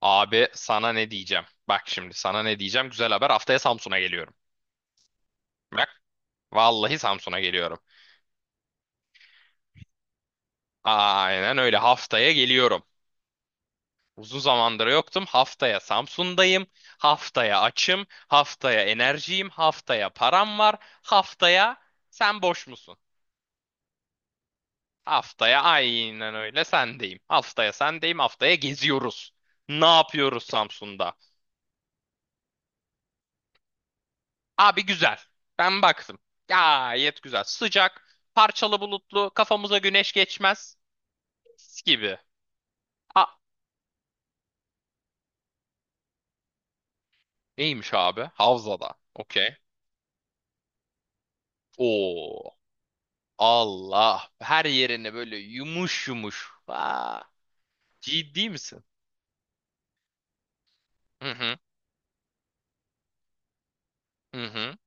Abi sana ne diyeceğim? Bak şimdi sana ne diyeceğim? Güzel haber. Haftaya Samsun'a geliyorum. Bak vallahi Samsun'a geliyorum. Aynen öyle haftaya geliyorum. Uzun zamandır yoktum. Haftaya Samsun'dayım. Haftaya açım. Haftaya enerjiyim. Haftaya param var. Haftaya sen boş musun? Haftaya aynen öyle sendeyim. Haftaya sendeyim. Haftaya geziyoruz. Ne yapıyoruz Samsun'da? Abi güzel. Ben baktım. Gayet güzel. Sıcak, parçalı bulutlu, kafamıza güneş geçmez. Mis gibi. A neymiş abi? Havzada. Okey. Oo. Allah. Her yerine böyle yumuş yumuş. Aa, ciddi misin? Hı hı. Hı hı.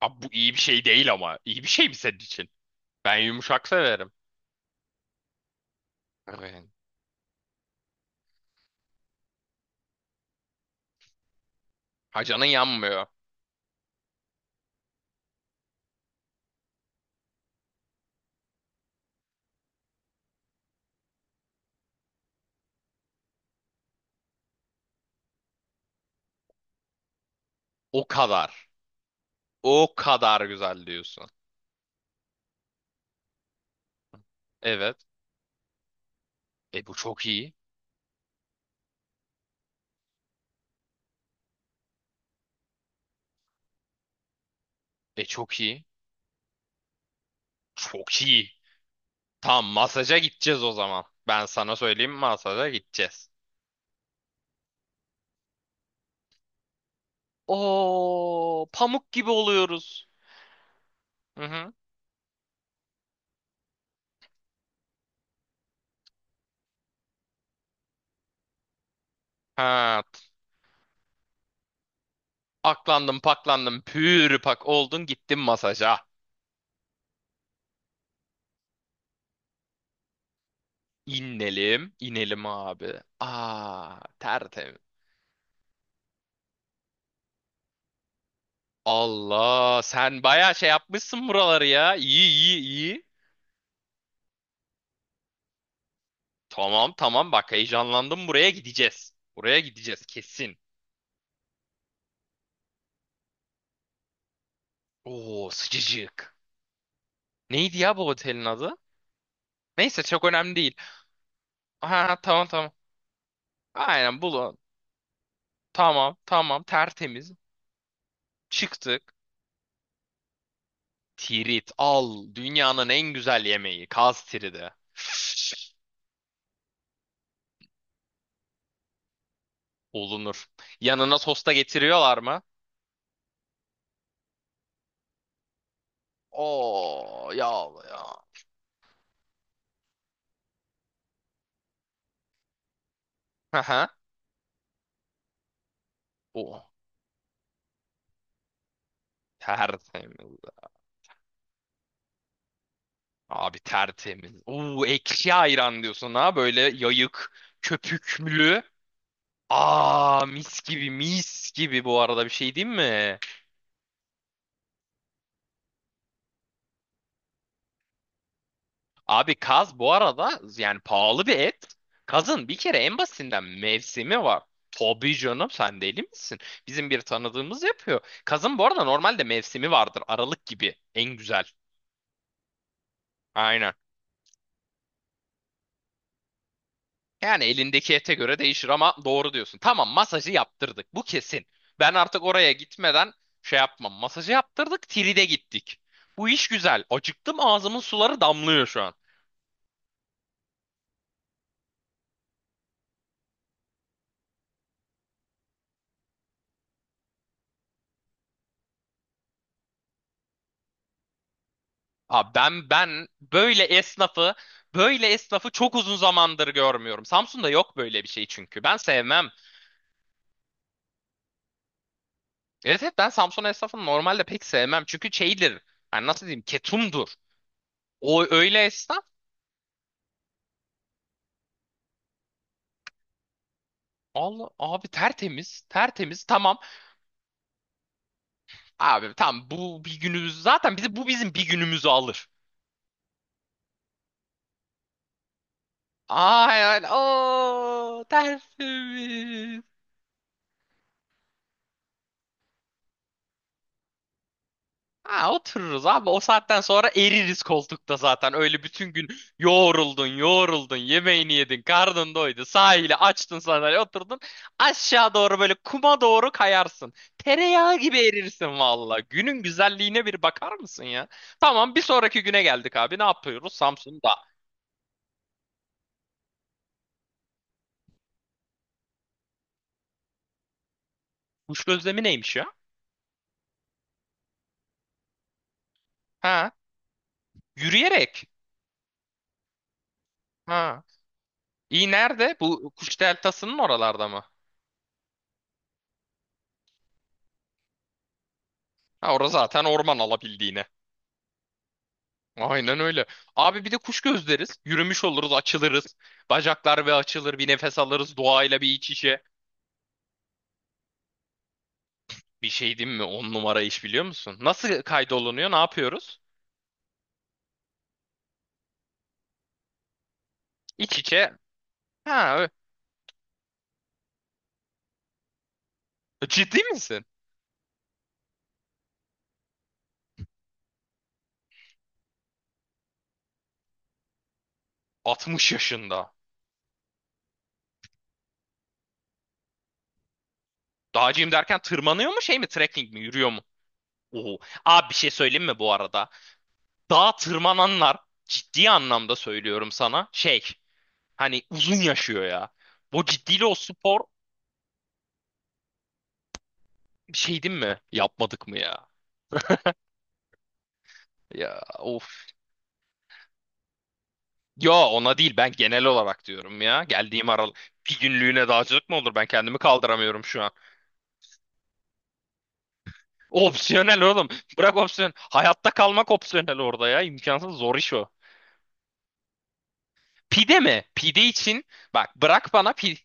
Abi bu iyi bir şey değil ama. İyi bir şey mi senin için? Ben yumuşak severim. Evet. Hacanın yanmıyor. O kadar. O kadar güzel diyorsun. Evet. E bu çok iyi. E çok iyi. Çok iyi. Tamam masaja gideceğiz o zaman. Ben sana söyleyeyim masaja gideceğiz. Oo, pamuk gibi oluyoruz. Hı hı. Ha, aklandım paklandım pür pak oldun gittin masaja. İnelim, inelim abi. Aa, tertemiz. Allah, sen bayağı şey yapmışsın buraları ya. İyi iyi iyi. Tamam tamam bak heyecanlandım buraya gideceğiz. Buraya gideceğiz kesin. Oo sıcacık. Neydi ya bu otelin adı? Neyse çok önemli değil. Ha tamam tamam. Aynen bulun. Tamam tamam tertemiz. Çıktık. Tirit al. Dünyanın en güzel yemeği. Kaz tiridi. Olunur. Yanına sosta getiriyorlar mı? Oo yağlı ya. Aha. O tertemiz. Abi tertemiz. Oo ekşi ayran diyorsun ha böyle yayık, köpüklü. Aa mis gibi mis gibi bu arada bir şey değil mi? Abi kaz bu arada yani pahalı bir et. Kazın bir kere en basitinden mevsimi var. Tabii canım sen deli misin? Bizim bir tanıdığımız yapıyor. Kazın bu arada normalde mevsimi vardır. Aralık gibi en güzel. Aynen. Yani elindeki ete göre değişir ama doğru diyorsun. Tamam masajı yaptırdık. Bu kesin. Ben artık oraya gitmeden şey yapmam. Masajı yaptırdık, tride gittik. Bu iş güzel. Acıktım ağzımın suları damlıyor şu an. Abi ben böyle esnafı böyle esnafı çok uzun zamandır görmüyorum. Samsun'da yok böyle bir şey çünkü. Ben sevmem. Evet evet ben Samsun esnafını normalde pek sevmem. Çünkü şeydir. Yani nasıl diyeyim? Ketumdur. O öyle esnaf. Allah abi tertemiz. Tertemiz. Tamam. Abi tamam bu bir günümüz zaten bizi bu bizim bir günümüzü alır. Ay ay. Oo tertemiz. Ha otururuz abi. O saatten sonra eririz koltukta zaten. Öyle bütün gün yoğruldun, yoğruldun, yemeğini yedin, karnın doydu, sahile açtın sandalye oturdun. Aşağı doğru böyle kuma doğru kayarsın. Tereyağı gibi erirsin valla. Günün güzelliğine bir bakar mısın ya? Tamam bir sonraki güne geldik abi. Ne yapıyoruz? Samsun'da. Kuş gözlemi neymiş ya? Ha? Yürüyerek. Ha. İyi nerede? Bu kuş deltasının oralarda mı? Ha orası zaten orman alabildiğine. Aynen öyle. Abi bir de kuş gözleriz. Yürümüş oluruz, açılırız. Bacaklar ve açılır, bir nefes alırız doğayla bir iç içe. Bir şey diyeyim mi? On numara iş biliyor musun? Nasıl kaydolunuyor? Ne yapıyoruz? İç içe. Ha, ciddi misin? 60 yaşında. Dağcıyım derken tırmanıyor mu şey mi? Trekking mi? Yürüyor mu? Oo. Abi bir şey söyleyeyim mi bu arada? Dağa tırmananlar ciddi anlamda söylüyorum sana. Şey hani uzun yaşıyor ya. Bu ciddiyle o spor bir şey diyeyim mi? Yapmadık mı ya? Ya of. Ya ona değil ben genel olarak diyorum ya. Geldiğim aralık. Bir günlüğüne dağcılık mı olur? Ben kendimi kaldıramıyorum şu an. Opsiyonel oğlum. Bırak opsiyon. Hayatta kalmak opsiyonel orada ya. İmkansız zor iş o. Pide mi? Pide için bak bırak bana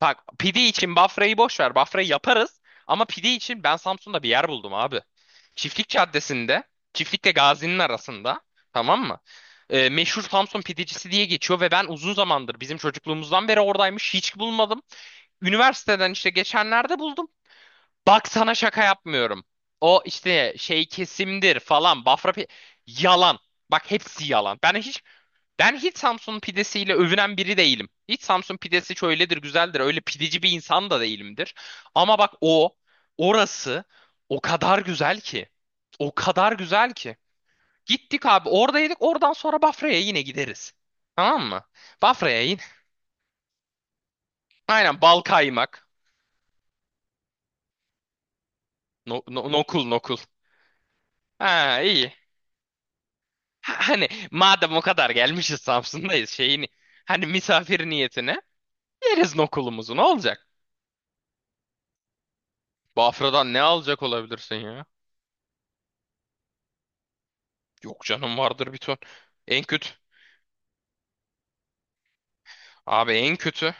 bak pide için Bafra'yı boş ver. Bafra'yı yaparız. Ama pide için ben Samsun'da bir yer buldum abi. Çiftlik Caddesi'nde, Çiftlik'le Gazi'nin arasında. Tamam mı? Meşhur Samsun pidecisi diye geçiyor ve ben uzun zamandır bizim çocukluğumuzdan beri oradaymış. Hiç bulmadım. Üniversiteden işte geçenlerde buldum. Bak sana şaka yapmıyorum. O işte şey kesimdir falan Bafra yalan. Bak hepsi yalan. Ben hiç Samsun pidesiyle övünen biri değilim. Hiç Samsun pidesi şöyledir, güzeldir. Öyle pideci bir insan da değilimdir. Ama bak o, orası o kadar güzel ki. O kadar güzel ki. Gittik abi oradaydık. Oradan sonra Bafra'ya yine gideriz. Tamam mı? Bafra'ya yine. Aynen bal kaymak. Nokul nokul. Ha iyi. Ha, hani madem o kadar gelmişiz Samsun'dayız şeyini. Hani misafir niyetine yeriz nokulumuzu ne olacak? Bafra'dan ne alacak olabilirsin ya? Yok canım vardır bir ton. En kötü. Abi en kötü.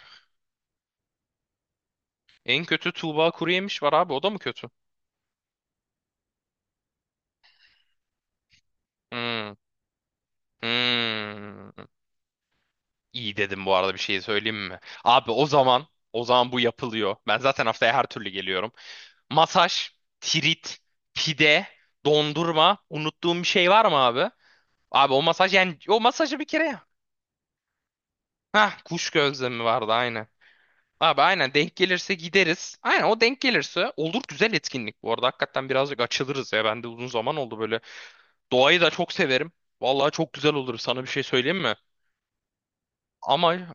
En kötü Tuğba Kuruyemiş var abi. O da mı kötü? Hmm. Hmm. İyi dedim bu arada bir şey söyleyeyim mi? Abi o zaman bu yapılıyor. Ben zaten haftaya her türlü geliyorum. Masaj, tirit, pide, dondurma. Unuttuğum bir şey var mı abi? Abi o masaj yani o masajı bir kere ya. Hah kuş gözlemi vardı aynı. Abi aynen denk gelirse gideriz. Aynen o denk gelirse olur güzel etkinlik bu arada. Hakikaten birazcık açılırız ya. Ben de uzun zaman oldu böyle. Doğayı da çok severim. Vallahi çok güzel olur sana bir şey söyleyeyim mi? Ama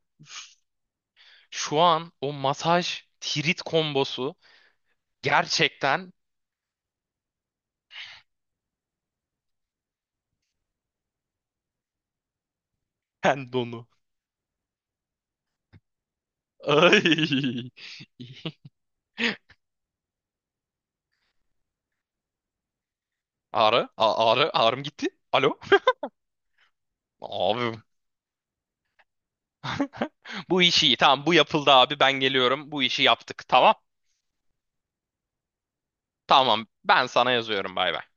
şu an o masaj tirit kombosu gerçekten tendonu. Ay. Ağrı, ağrı, ağrım gitti. Alo. Abi. Bu işi iyi. Tamam bu yapıldı abi. Ben geliyorum. Bu işi yaptık. Tamam. Tamam. Ben sana yazıyorum. Bay bay.